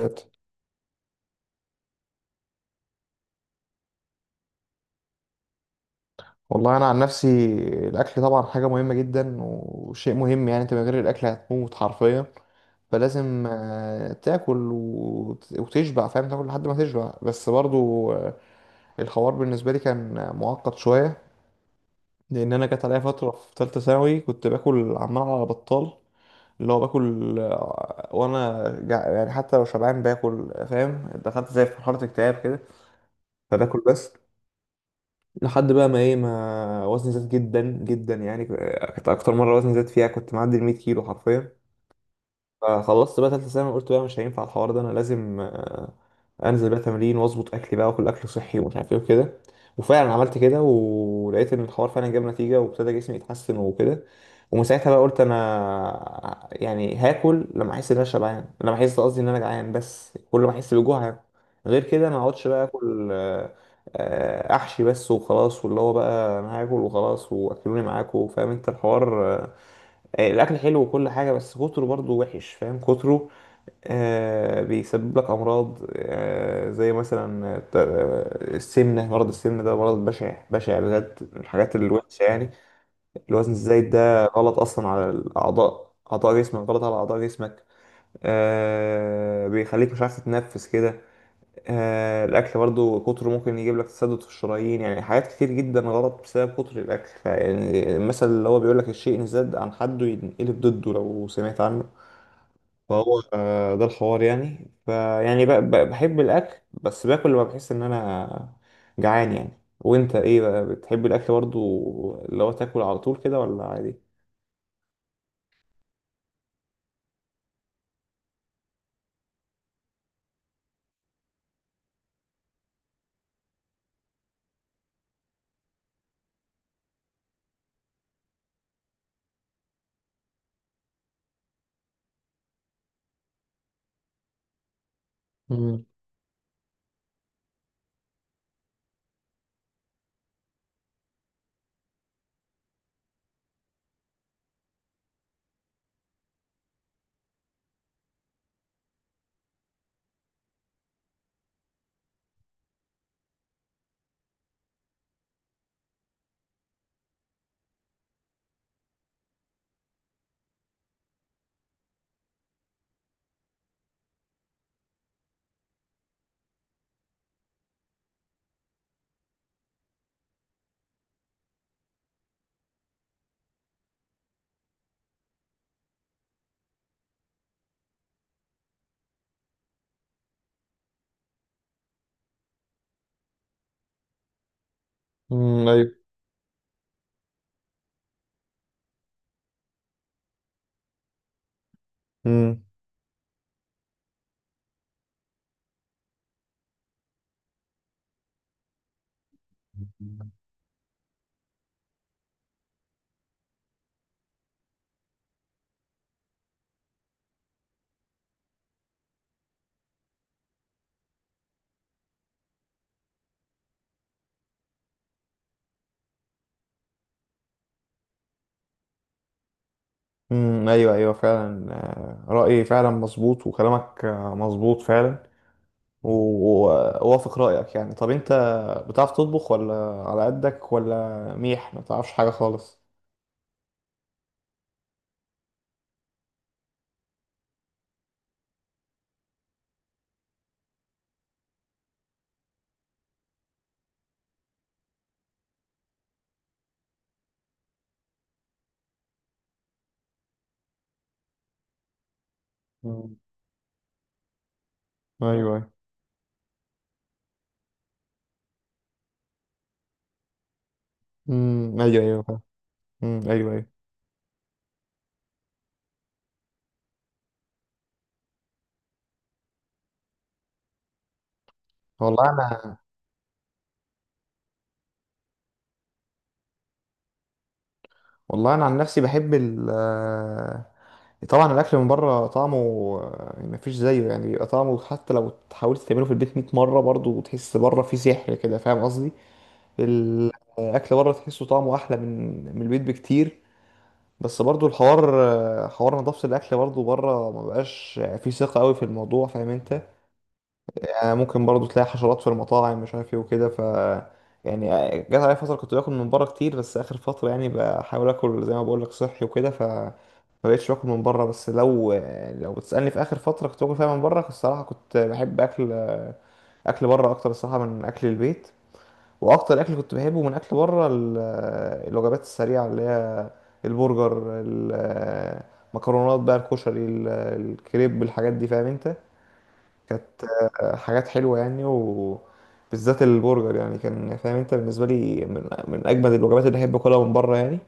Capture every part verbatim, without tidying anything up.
ذات. والله انا عن نفسي الاكل طبعا حاجه مهمه جدا وشيء مهم يعني انت من غير الاكل هتموت حرفيا. فلازم آه، تاكل وت- وتشبع، فاهم، تاكل لحد ما تشبع بس برضو آه، الحوار بالنسبه لي كان معقد شويه. لان انا جت عليا فتره في ثالثه ثانوي كنت باكل عمال على بطال، اللي هو باكل آه، وانا جع- يعني حتى لو شبعان باكل، فاهم؟ دخلت زي في مرحله اكتئاب كده فباكل بس. لحد بقى ما ايه ما وزني زاد جدا جدا، يعني كانت اكتر مره وزني زاد فيها كنت معدي ال مية كيلو حرفيا. فخلصت بقى تالتة ثانوي قلت بقى مش هينفع الحوار ده، انا لازم آه، انزل بقى تمرين واظبط اكلي بقى واكل اكل صحي ومش عارف ايه وكده. وفعلا عملت كده ولقيت ان الحوار فعلا جاب نتيجة وابتدى جسمي يتحسن وكده. ومن ساعتها بقى قلت انا يعني هاكل لما احس ان انا شبعان، لما احس قصدي ان انا جعان، بس كل ما احس بالجوع هاكل. غير كده انا ما اقعدش بقى اكل آه، آه، احشي بس وخلاص، واللي هو بقى انا هاكل وخلاص واكلوني معاكم، فاهم انت الحوار؟ آه، الاكل حلو وكل حاجه بس كتره برضو وحش، فاهم، كتره آه بيسبب لك امراض آه زي مثلا الت- آه، السمنه. مرض السمنه ده مرض بشع بشع بجد، من الحاجات الوحشه يعني. الوزن الزايد ده غلط اصلا على الاعضاء، اعضاء جسمك غلط على اعضاء جسمك، آه، بيخليك مش عارف تتنفس كده. آه، الاكل برضو كتره ممكن يجيب لك تسدد في الشرايين، يعني حاجات كتير جدا غلط بسبب كتر الاكل. فيعني المثل اللي هو بيقول لك الشيء ان زاد عن حده ينقلب ضده، لو سمعت عنه. فهو آه، ده الحوار يعني. فيعني ب- ب- بحب الاكل بس باكل لما بحس ان انا جعان يعني. وانت ايه بقى، بتحب الاكل برضو اللي هو تاكل على طول كده ولا عادي؟ مم. مم. ايوه. امم. امم ايوه ايوه فعلا، آه، رأيي فعلا مظبوط وكلامك آه، مظبوط فعلا، ووافق رأيك يعني. طب انت بتعرف تطبخ ولا على قدك ولا ميح ما تعرفش حاجة خالص؟ مم. ايوه ايوه. امم ايوه ايوه فاهم. امم ايوه ايوه. والله انا والله انا عن نفسي بحب ال آه، طبعا الاكل من بره طعمه ما فيش زيه، يعني بيبقى طعمه حتى لو حاولت تعمله في البيت مية مره برضه تحس بره فيه سحر كده، فاهم قصدي؟ الاكل بره تحسه طعمه احلى من من البيت بكتير. بس برضو الحوار آه، حوار نظافة الأكل برضو بره ما بقاش فيه ثقة قوي في الموضوع، فاهم أنت؟ يعني ممكن برضو تلاقي حشرات في المطاعم، مش عارف إيه وكده. ف يعني آه، جت عليا فترة كنت باكل من بره كتير، بس آخر فترة يعني بحاول آكل زي ما بقول لك صحي وكده، ف ما بقتش باكل من بره. بس لو آه، لو بتسألني في آخر فترة كنت باكل فيها من بره، الصراحة كنت بحب أكل آه، أكل بره أكتر الصراحة من أكل البيت. واكتر اكل كنت بحبه من اكل بره ال- الوجبات السريعه اللي هي البرجر، المكرونات بقى، الكشري، ال- الكريب، الحاجات دي، فاهم انت؟ كانت حاجات حلوه يعني، وبالذات البرجر يعني كان، فاهم انت، بالنسبه لي من، من اجمد الوجبات اللي احب اكلها من بره يعني.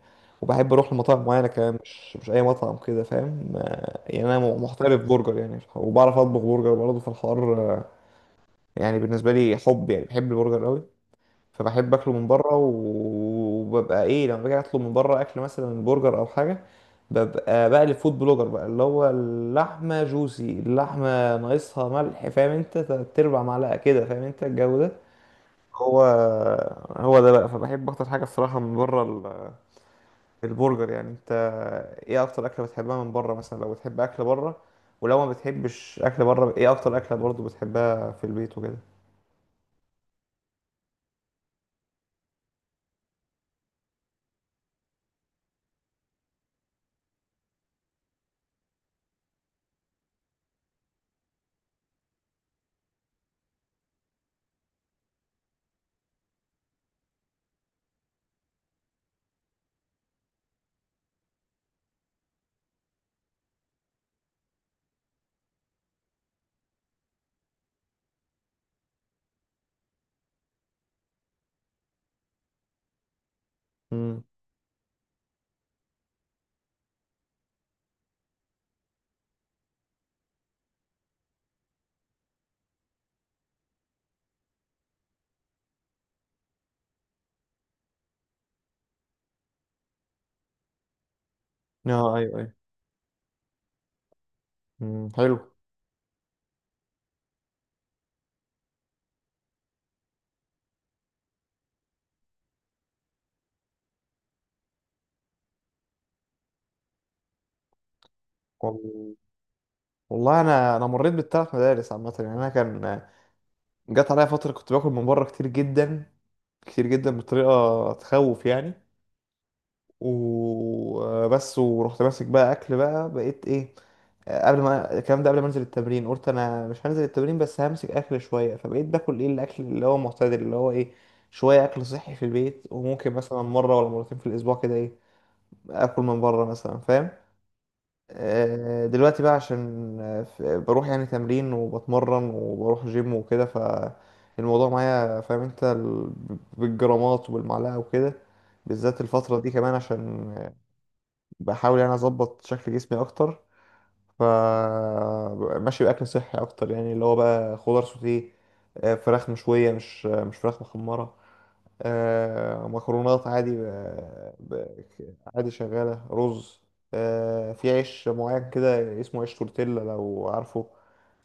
وبحب اروح لمطاعم معينه كمان مش مش اي مطعم كده، فاهم؟ آه، يعني انا محترف برجر يعني، وبعرف اطبخ برجر برضه في الحوار يعني. بالنسبه لي حب، يعني بحب البرجر قوي. فبحب اكله من بره، و- وببقى ايه لما باجي اطلب من بره اكل مثلا برجر او حاجه. ببقى بقى الفود بلوجر بقى، اللي هو اللحمه جوسي، اللحمه ناقصها ملح، فاهم انت؟ تربع معلقه كده، فاهم انت الجو ده؟ هو هو ده بقى. فبحب اكتر حاجه الصراحه من بره ال- البرجر يعني. انت ايه اكتر اكله بتحبها من بره مثلا لو بتحب اكل بره؟ ولو ما بتحبش اكل بره ايه اكتر اكله برضو بتحبها في البيت وكده؟ امم. اه ايوه ايوه. امم. حلو. والله انا، انا مريت بالثلاث مدارس عامه يعني. انا كان جت عليا فتره كنت باكل من بره كتير جدا، كتير جدا بطريقه تخوف يعني. وبس ورحت ماسك بقى اكل بقى بقيت ايه، قبل ما الكلام ده قبل ما انزل التمرين قلت انا مش هنزل التمرين بس همسك اكل شويه. فبقيت باكل ايه الاكل اللي هو معتدل، اللي هو ايه، شويه اكل صحي في البيت وممكن مثلا مره ولا مرتين في الاسبوع كده ايه اكل من بره مثلا، فاهم؟ آه، دلوقتي بقى عشان آه، ف- بروح يعني تمرين وبتمرن وبروح جيم وكده، فالموضوع معايا فاهم انت ال- بالجرامات وبالمعلقة وكده. بالذات الفترة دي كمان عشان آه، بحاول يعني اظبط شكل جسمي اكتر. فماشي بأكل صحي اكتر يعني، اللي هو بقى خضار سوتيه، آه، فراخ مشوية، مش آه، مش فراخ محمرة، آه، مكرونات عادي، آه، ب- عادي، شغالة رز، آه، في عيش معين كده اسمه عيش تورتيلا لو عارفه.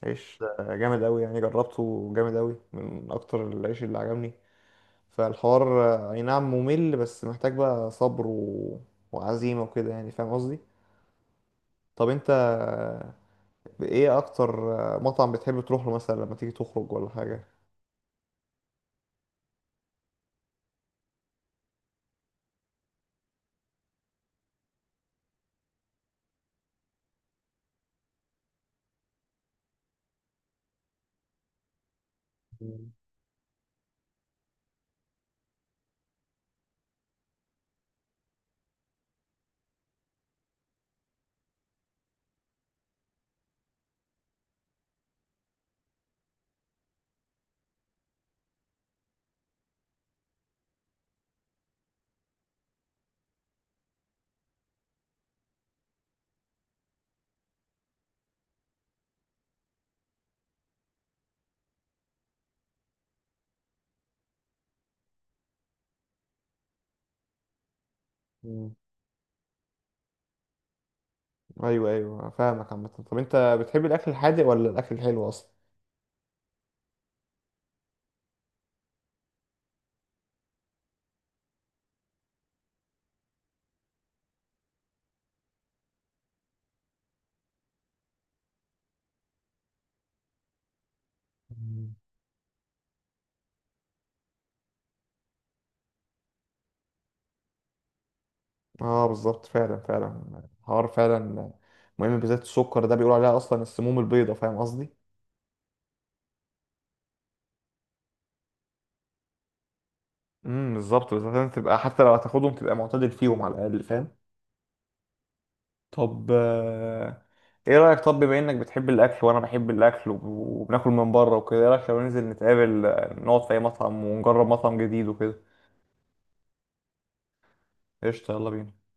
عيش آه، جامد أوي يعني، جربته جامد أوي، من أكتر العيش اللي عجبني. فالحوار آه، أي نعم ممل بس محتاج بقى صبر و... وعزيمة وكده يعني، فاهم قصدي؟ طب أنت آه، إيه أكتر آه، مطعم بتحب تروح له مثلا لما تيجي تخرج ولا حاجة؟ مم. ايوه ايوه فاهمك عامة. طب انت بتحب الاكل الحادق ولا الاكل الحلو اصلا؟ مم. اه بالظبط فعلا فعلا الحوار فعلا مهم، بالذات السكر ده بيقولوا عليها اصلا السموم البيضاء، فاهم قصدي؟ امم بالظبط بالظبط، لازم تبقى حتى لو هتاخدهم تبقى معتدل فيهم على الاقل، فاهم؟ طب آه، ايه رايك، طب بما انك بتحب الاكل وانا بحب الاكل وب- وبناكل من بره وكده، ايه رايك لو ننزل نتقابل آه، نقعد في اي مطعم ونجرب مطعم جديد وكده؟ قشطه، يلا بينا.